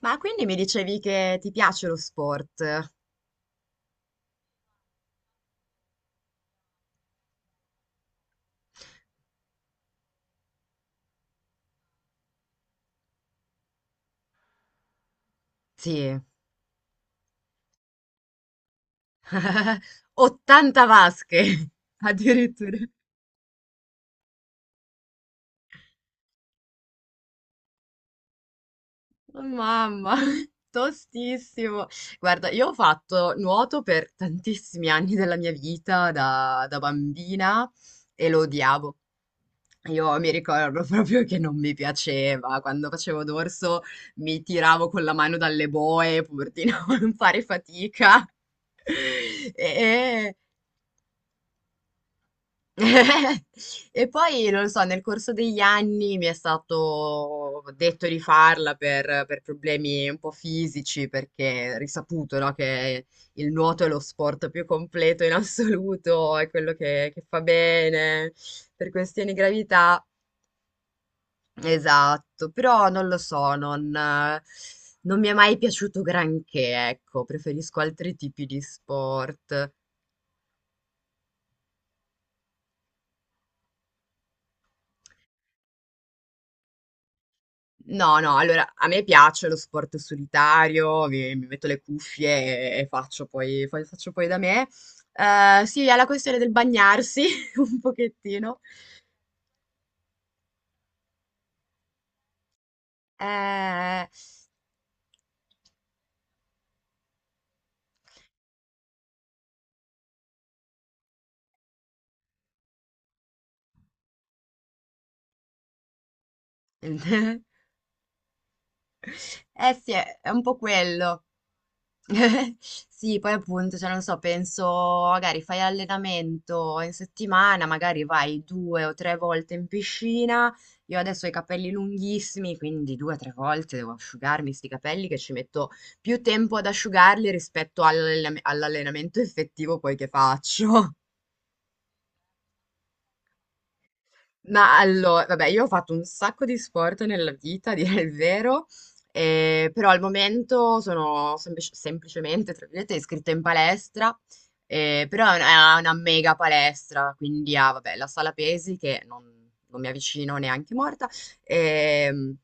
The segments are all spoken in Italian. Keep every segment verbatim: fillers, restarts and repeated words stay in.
Ma quindi mi dicevi che ti piace lo sport? Sì, ottanta vasche addirittura. Oh, Mamma, tostissimo. Guarda, io ho fatto nuoto per tantissimi anni della mia vita da, da bambina e lo odiavo. Io mi ricordo proprio che non mi piaceva. Quando facevo dorso mi tiravo con la mano dalle boe pur di non fare fatica. E, e poi, non lo so, nel corso degli anni mi è stato detto di farla per, per problemi un po' fisici, perché è risaputo, no, che il nuoto è lo sport più completo in assoluto, è quello che, che fa bene per questioni di gravità. Esatto, però non lo so, non, eh, non mi è mai piaciuto granché, ecco, preferisco altri tipi di sport. No, no, allora a me piace lo sport solitario, mi, mi metto le cuffie e, e faccio poi, poi- faccio poi da me. Eh, sì, alla questione del bagnarsi un pochettino. Eh, eh sì, è è un po' quello. Sì, poi appunto, cioè non so, penso magari fai allenamento in settimana, magari vai due o tre volte in piscina. Io adesso ho i capelli lunghissimi, quindi due o tre volte devo asciugarmi sti capelli che ci metto più tempo ad asciugarli rispetto all'allenam- all'allenamento effettivo poi che faccio. Ma allora, vabbè, io ho fatto un sacco di sport nella vita, a dire il vero, eh, però al momento sono semplic- semplicemente, tra virgolette, iscritta in palestra, eh, però è una, è una mega palestra, quindi ha, vabbè, la sala pesi che non, non mi avvicino neanche morta, ehm,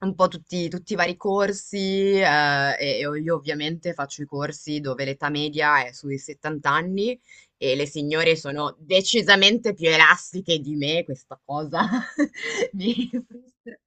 un po' tutti, tutti i vari corsi, eh, e e io ovviamente faccio i corsi dove l'età media è sui settanta anni, e le signore sono decisamente più elastiche di me, questa cosa mi frustra.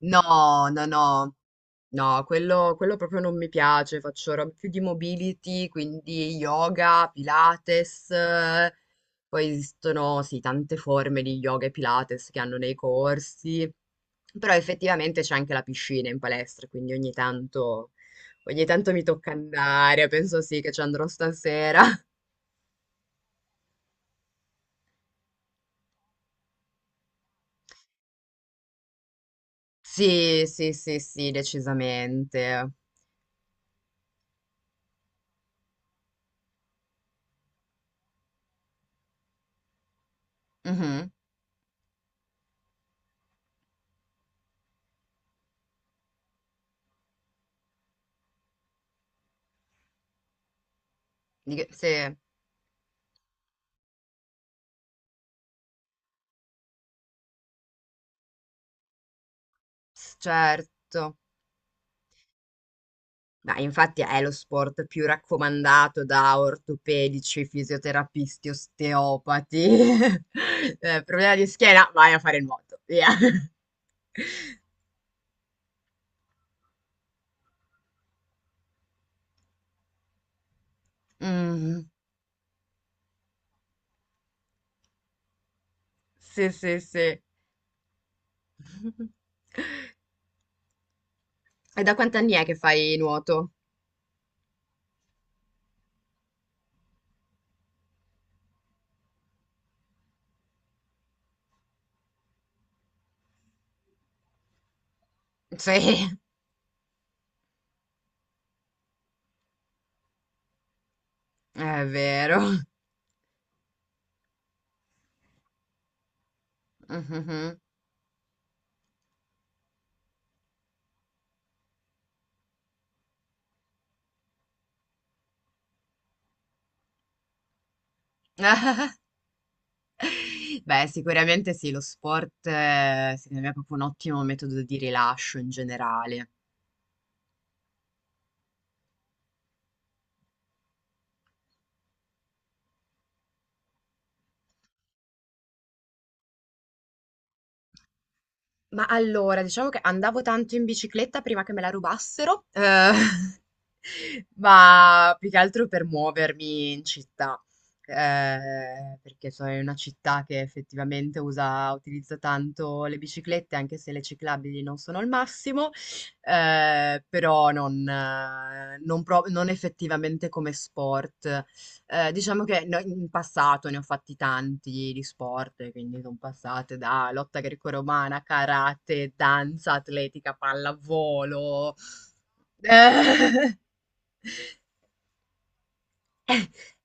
No, no, no. No, quello, quello proprio non mi piace, faccio roba più di mobility, quindi yoga, pilates, eh, poi esistono sì, tante forme di yoga e pilates che hanno nei corsi, però effettivamente c'è anche la piscina in palestra, quindi ogni tanto, ogni tanto mi tocca andare, penso sì che ci andrò stasera. Sì, sì, sì, sì, decisamente. Mhm. Di che- sì, s- certo. Ma infatti è lo sport più raccomandato da ortopedici, fisioterapisti, osteopati. Eh, problema di schiena, vai a fare il nuoto. Via. Mm. Sì, sì, sì. E da quanti anni è che fai nuoto? Sì, è vero. Mhm. Beh, sicuramente sì, lo sport eh, secondo me è proprio un ottimo metodo di rilascio in generale. Ma allora, diciamo che andavo tanto in bicicletta prima che me la rubassero, eh, ma più che altro per muovermi in città, eh, perché sono in una città che effettivamente usa, utilizza tanto le biciclette, anche se le ciclabili non sono il massimo, eh, però non, eh, non pro- non effettivamente come sport. Eh, diciamo che no- in passato ne ho fatti tanti di sport, quindi sono passate da lotta greco-romana, karate, danza atletica, pallavolo.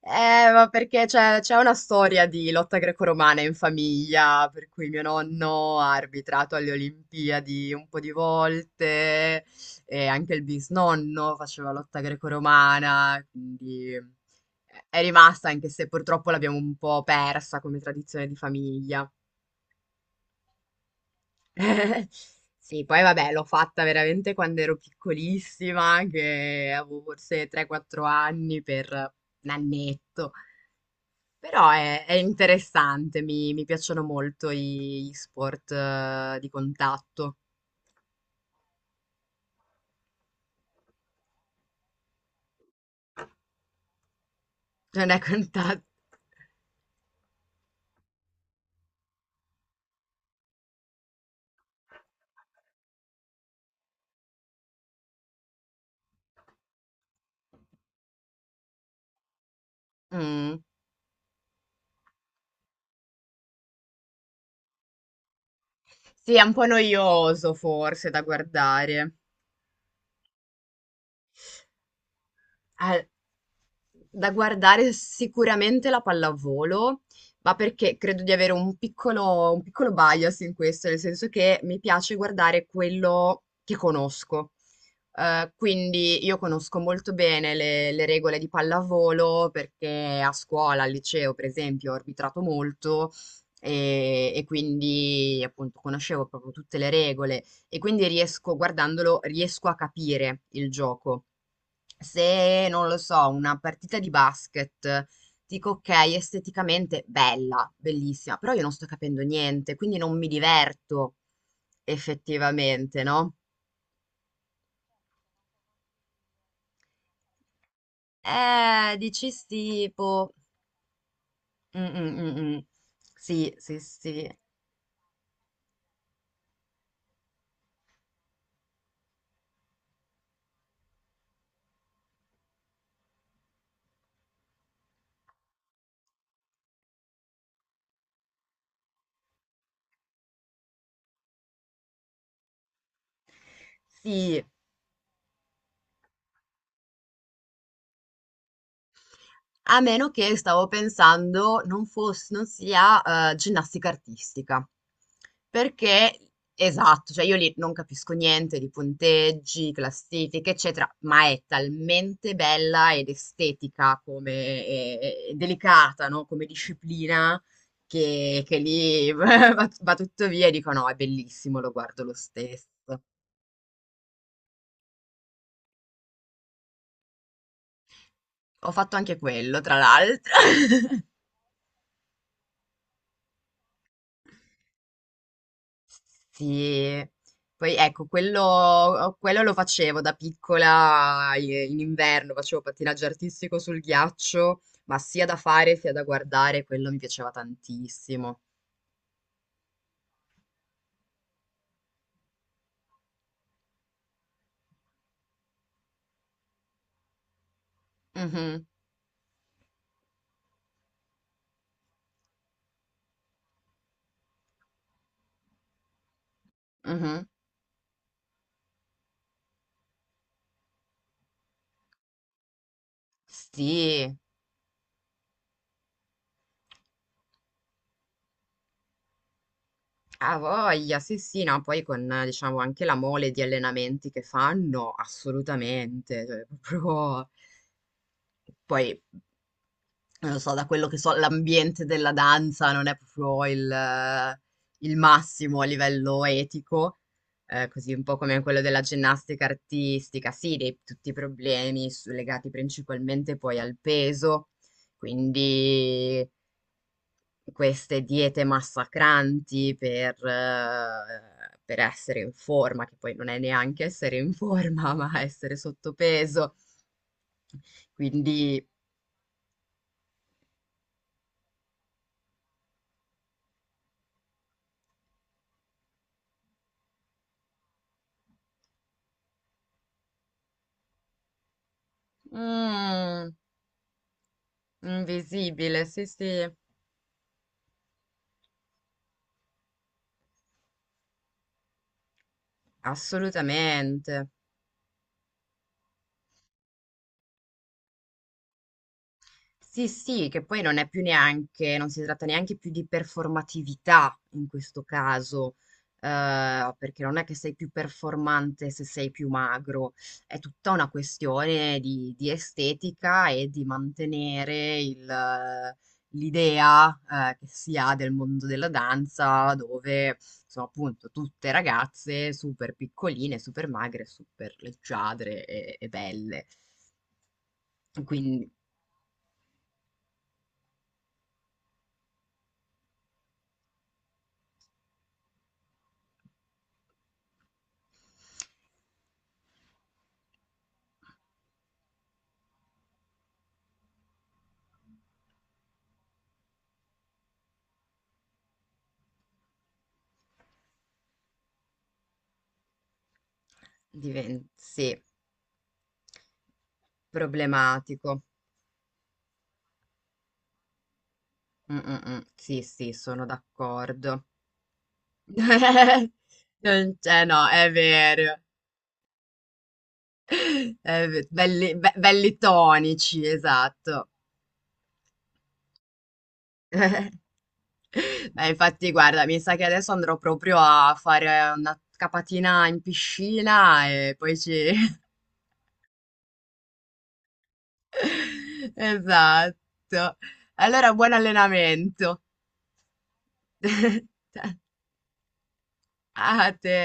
Eh, ma perché c'è c'è una storia di lotta greco-romana in famiglia, per cui mio nonno ha arbitrato alle Olimpiadi un po' di volte e anche il bisnonno faceva lotta greco-romana, quindi eh, è rimasta, anche se purtroppo l'abbiamo un po' persa come tradizione di famiglia. Sì, poi vabbè, l'ho fatta veramente quando ero piccolissima, che avevo forse tre quattro anni per un annetto. Però è, è interessante, mi, mi piacciono molto i- gli sport eh, di contatto. Non è contatto. Mm. Sì, è un po' noioso forse da guardare. Ah, da guardare sicuramente la pallavolo, ma perché credo di avere un piccolo, un piccolo bias in questo, nel senso che mi piace guardare quello che conosco. Eh, quindi io conosco molto bene le, le regole di pallavolo perché a scuola, al liceo, per esempio, ho arbitrato molto e, e quindi appunto conoscevo proprio tutte le regole e quindi riesco, guardandolo, riesco a capire il gioco. Se, non lo so, una partita di basket, dico ok, esteticamente bella, bellissima, però io non sto capendo niente, quindi non mi diverto effettivamente, no? Eh, dici sì, boh. Mm, mm, mm, mm. Sì, sì, sì. Sì, a meno che, stavo pensando, non fos non sia, uhm, ginnastica artistica. Perché esatto, cioè io lì non capisco niente di punteggi, classifiche, eccetera, ma è talmente bella ed estetica come e e delicata, no, come disciplina che che lì va va tutto via e dico: "No, è bellissimo, lo guardo lo stesso". Ho fatto anche quello, tra l'altro. Sì, poi ecco, quello, quello lo facevo da piccola eh, in inverno, facevo pattinaggio artistico sul ghiaccio, ma sia da fare sia da guardare, quello mi piaceva tantissimo. Mhm, mhm. Sì, a voglia, sì, sì, no, poi con eh, diciamo anche la mole di allenamenti che fanno, assolutamente, cioè, proprio. Poi, non lo so, da quello che so, l'ambiente della danza non è proprio il, eh, il massimo a livello etico, eh, così un po' come quello della ginnastica artistica, sì, dei, tutti i problemi su- legati principalmente poi al peso, quindi queste diete massacranti per, eh, per essere in forma, che poi non è neanche essere in forma, ma essere sottopeso, quindi mm, invisibile, sì, sì, assolutamente. Sì, sì, che poi non è più neanche, non si tratta neanche più di performatività in questo caso, eh, perché non è che sei più performante se sei più magro, è tutta una questione di, di estetica e di mantenere il, eh, l'idea, eh, che si ha del mondo della danza, dove sono appunto tutte ragazze super piccoline, super magre, super leggiadre e, e belle. Quindi diventa, sì. Problematico. Mh, mh, mh. Sì, sì, sono d'accordo. Non c'è no, è vero. È ve- belli, be- belli tonici, esatto. Ma infatti, guarda, mi sa che adesso andrò proprio a fare una capatina in piscina e poi ci... Esatto. Allora, buon allenamento. A te.